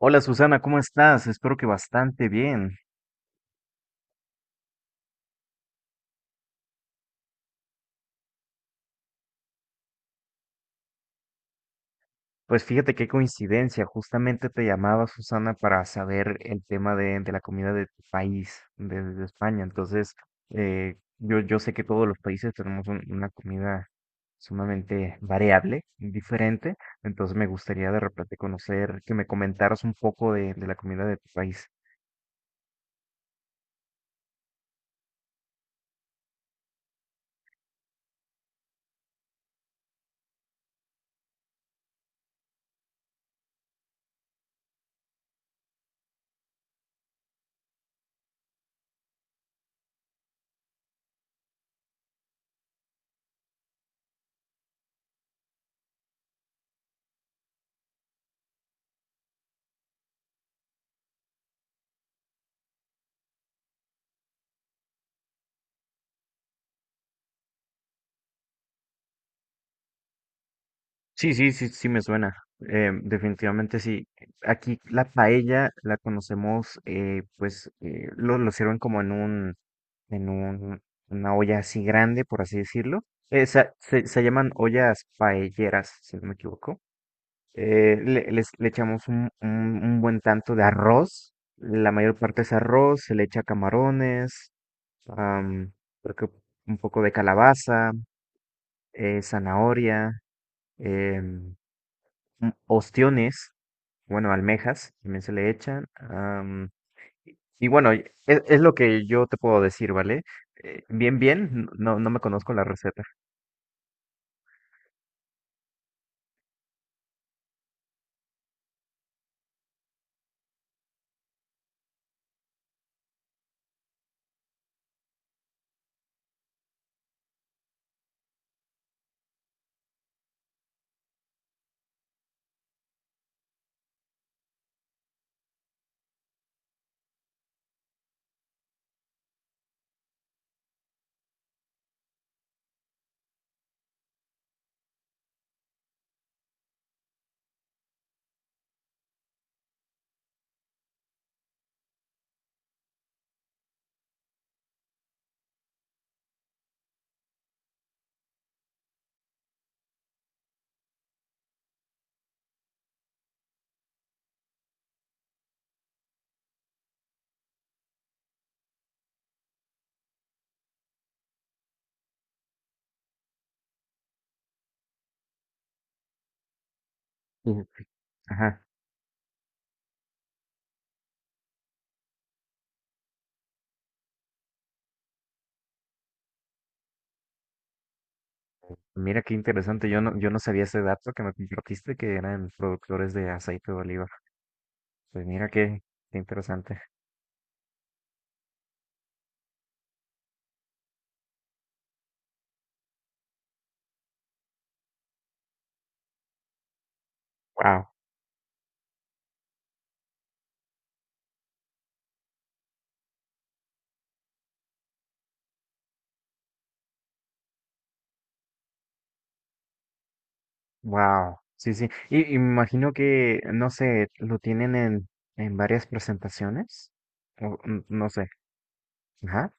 Hola Susana, ¿cómo estás? Espero que bastante bien. Pues fíjate qué coincidencia, justamente te llamaba Susana para saber el tema de la comida de tu país, desde España. Entonces, yo sé que todos los países tenemos una comida sumamente variable, diferente. Entonces, me gustaría de repente conocer, que me comentaras un poco de la comida de tu país. Sí, sí, sí, sí me suena. Definitivamente sí. Aquí la paella la conocemos, pues lo sirven como en en un, una olla así grande, por así decirlo. Se llaman ollas paelleras, si no me equivoco. Le echamos un buen tanto de arroz. La mayor parte es arroz, se le echa camarones, am, creo que un poco de calabaza, zanahoria. em, Ostiones, bueno, almejas, también se le echan. Y bueno, es lo que yo te puedo decir, ¿vale? Bien, bien, no, no me conozco la receta. Ujú. Ajá. Mira qué interesante, yo no, yo no sabía ese dato que me compartiste que eran productores de aceite de oliva. Pues mira qué, qué interesante. Wow, wow. Sí, sí. Y me imagino que, no sé, lo tienen en varias presentaciones. O, no sé. Ajá.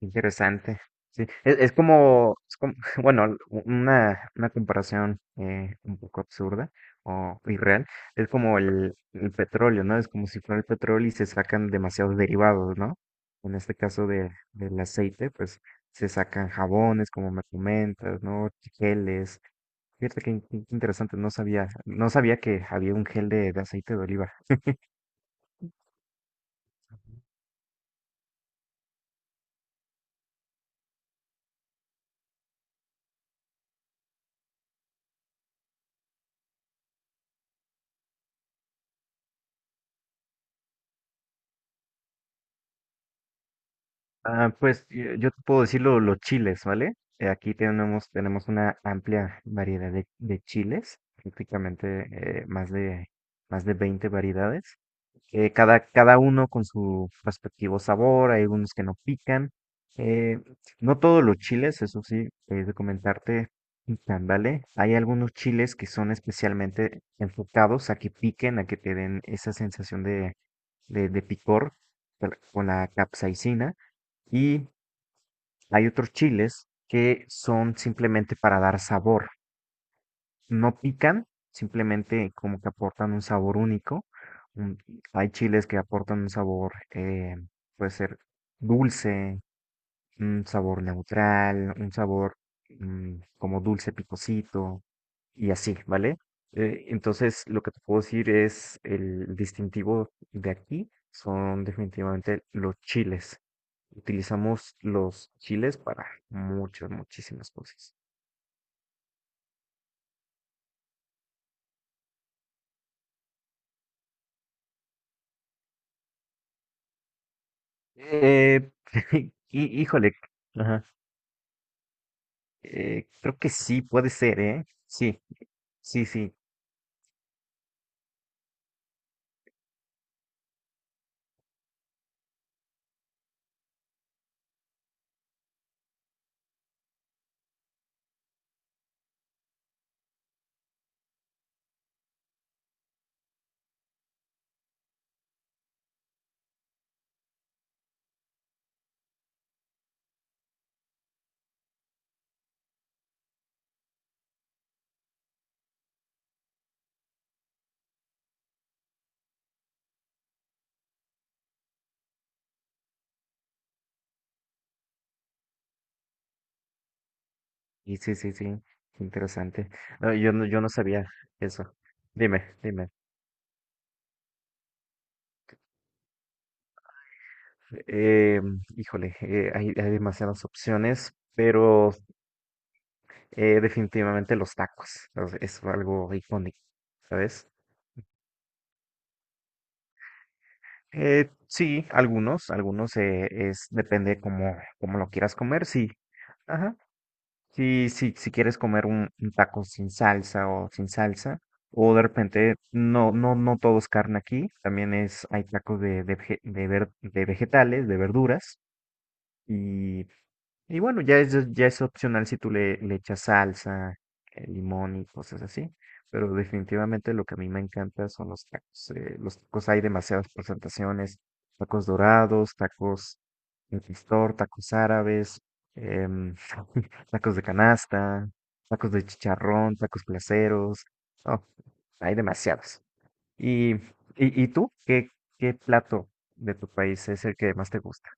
Interesante. Sí, es como, bueno, una comparación un poco absurda o irreal. Es como el petróleo, ¿no? Es como si fuera el petróleo y se sacan demasiados derivados, ¿no? En este caso de, del aceite, pues se sacan jabones, como me comentas, ¿no? Geles. Fíjate que, que interesante, no sabía, no sabía que había un gel de aceite de oliva. Ah, pues yo te puedo decir los chiles, ¿vale? Aquí tenemos, tenemos una amplia variedad de chiles, prácticamente más de 20 variedades. Cada uno con su respectivo sabor, hay algunos que no pican. eh, no todos los chiles, eso sí, he de comentarte, pican, ¿vale? Hay algunos chiles que son especialmente enfocados a que piquen, a que te den esa sensación de picor con la capsaicina. Y hay otros chiles que son simplemente para dar sabor. No pican, simplemente como que aportan un sabor único. un- Hay chiles que aportan un sabor, puede ser dulce, un sabor neutral, un sabor como dulce picosito y así, ¿vale? Entonces, lo que te puedo decir es el distintivo de aquí son definitivamente los chiles. Utilizamos los chiles para muchas, muchísimas cosas. Eh, híjole, ajá, creo que sí puede ser, ¿eh? Sí, sí, sí. Y sí, sí, sí, qué interesante. Ah, yo no, yo no sabía eso. Dime, dime. Eh, híjole, hay, hay demasiadas opciones, pero definitivamente los tacos es algo icónico, ¿sabes? Sí, algunos, algunos es depende cómo, cómo lo quieras comer, sí. Ajá. Si, si, si quieres comer un taco sin salsa o sin salsa, o de repente, no, no, no todo es carne aquí, también es, hay tacos de, de vegetales, de verduras, y y bueno, ya es opcional si tú le, le echas salsa, limón y cosas así. Pero definitivamente lo que a mí me encanta son los tacos. Los tacos hay demasiadas presentaciones. Tacos dorados, tacos de pastor, tacos árabes, em, tacos de canasta, tacos de chicharrón, tacos placeros. No, hay demasiados. ¿Y, y, y tú? ¿Qué, qué plato de tu país es el que más te gusta?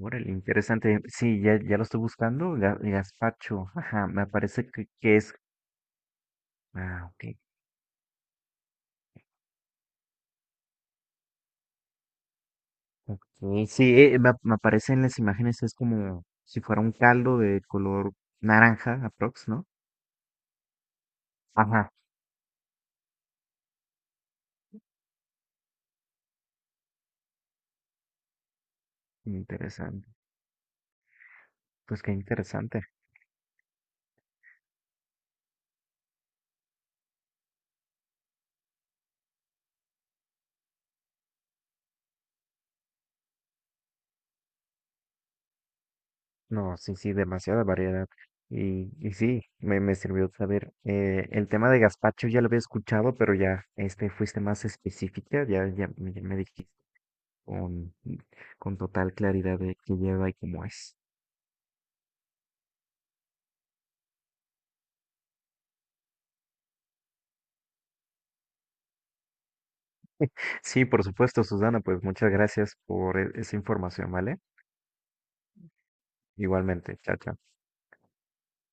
Órale, interesante. Sí, ya, ya lo estoy buscando. Gazpacho. Ajá, me parece que es. Ah, ok. Ok, sí, me, me aparece en las imágenes, es como si fuera un caldo de color naranja, aprox, ¿no? Ajá, interesante. Pues qué interesante. No, sí, sí, demasiada variedad. Y sí, me sirvió saber. El tema de gazpacho ya lo había escuchado, pero ya este fuiste más específica, ya, ya, ya me dijiste. con, con total claridad de qué lleva y cómo es. Sí, por supuesto, Susana, pues muchas gracias por esa información, ¿vale? Igualmente, chao, chao.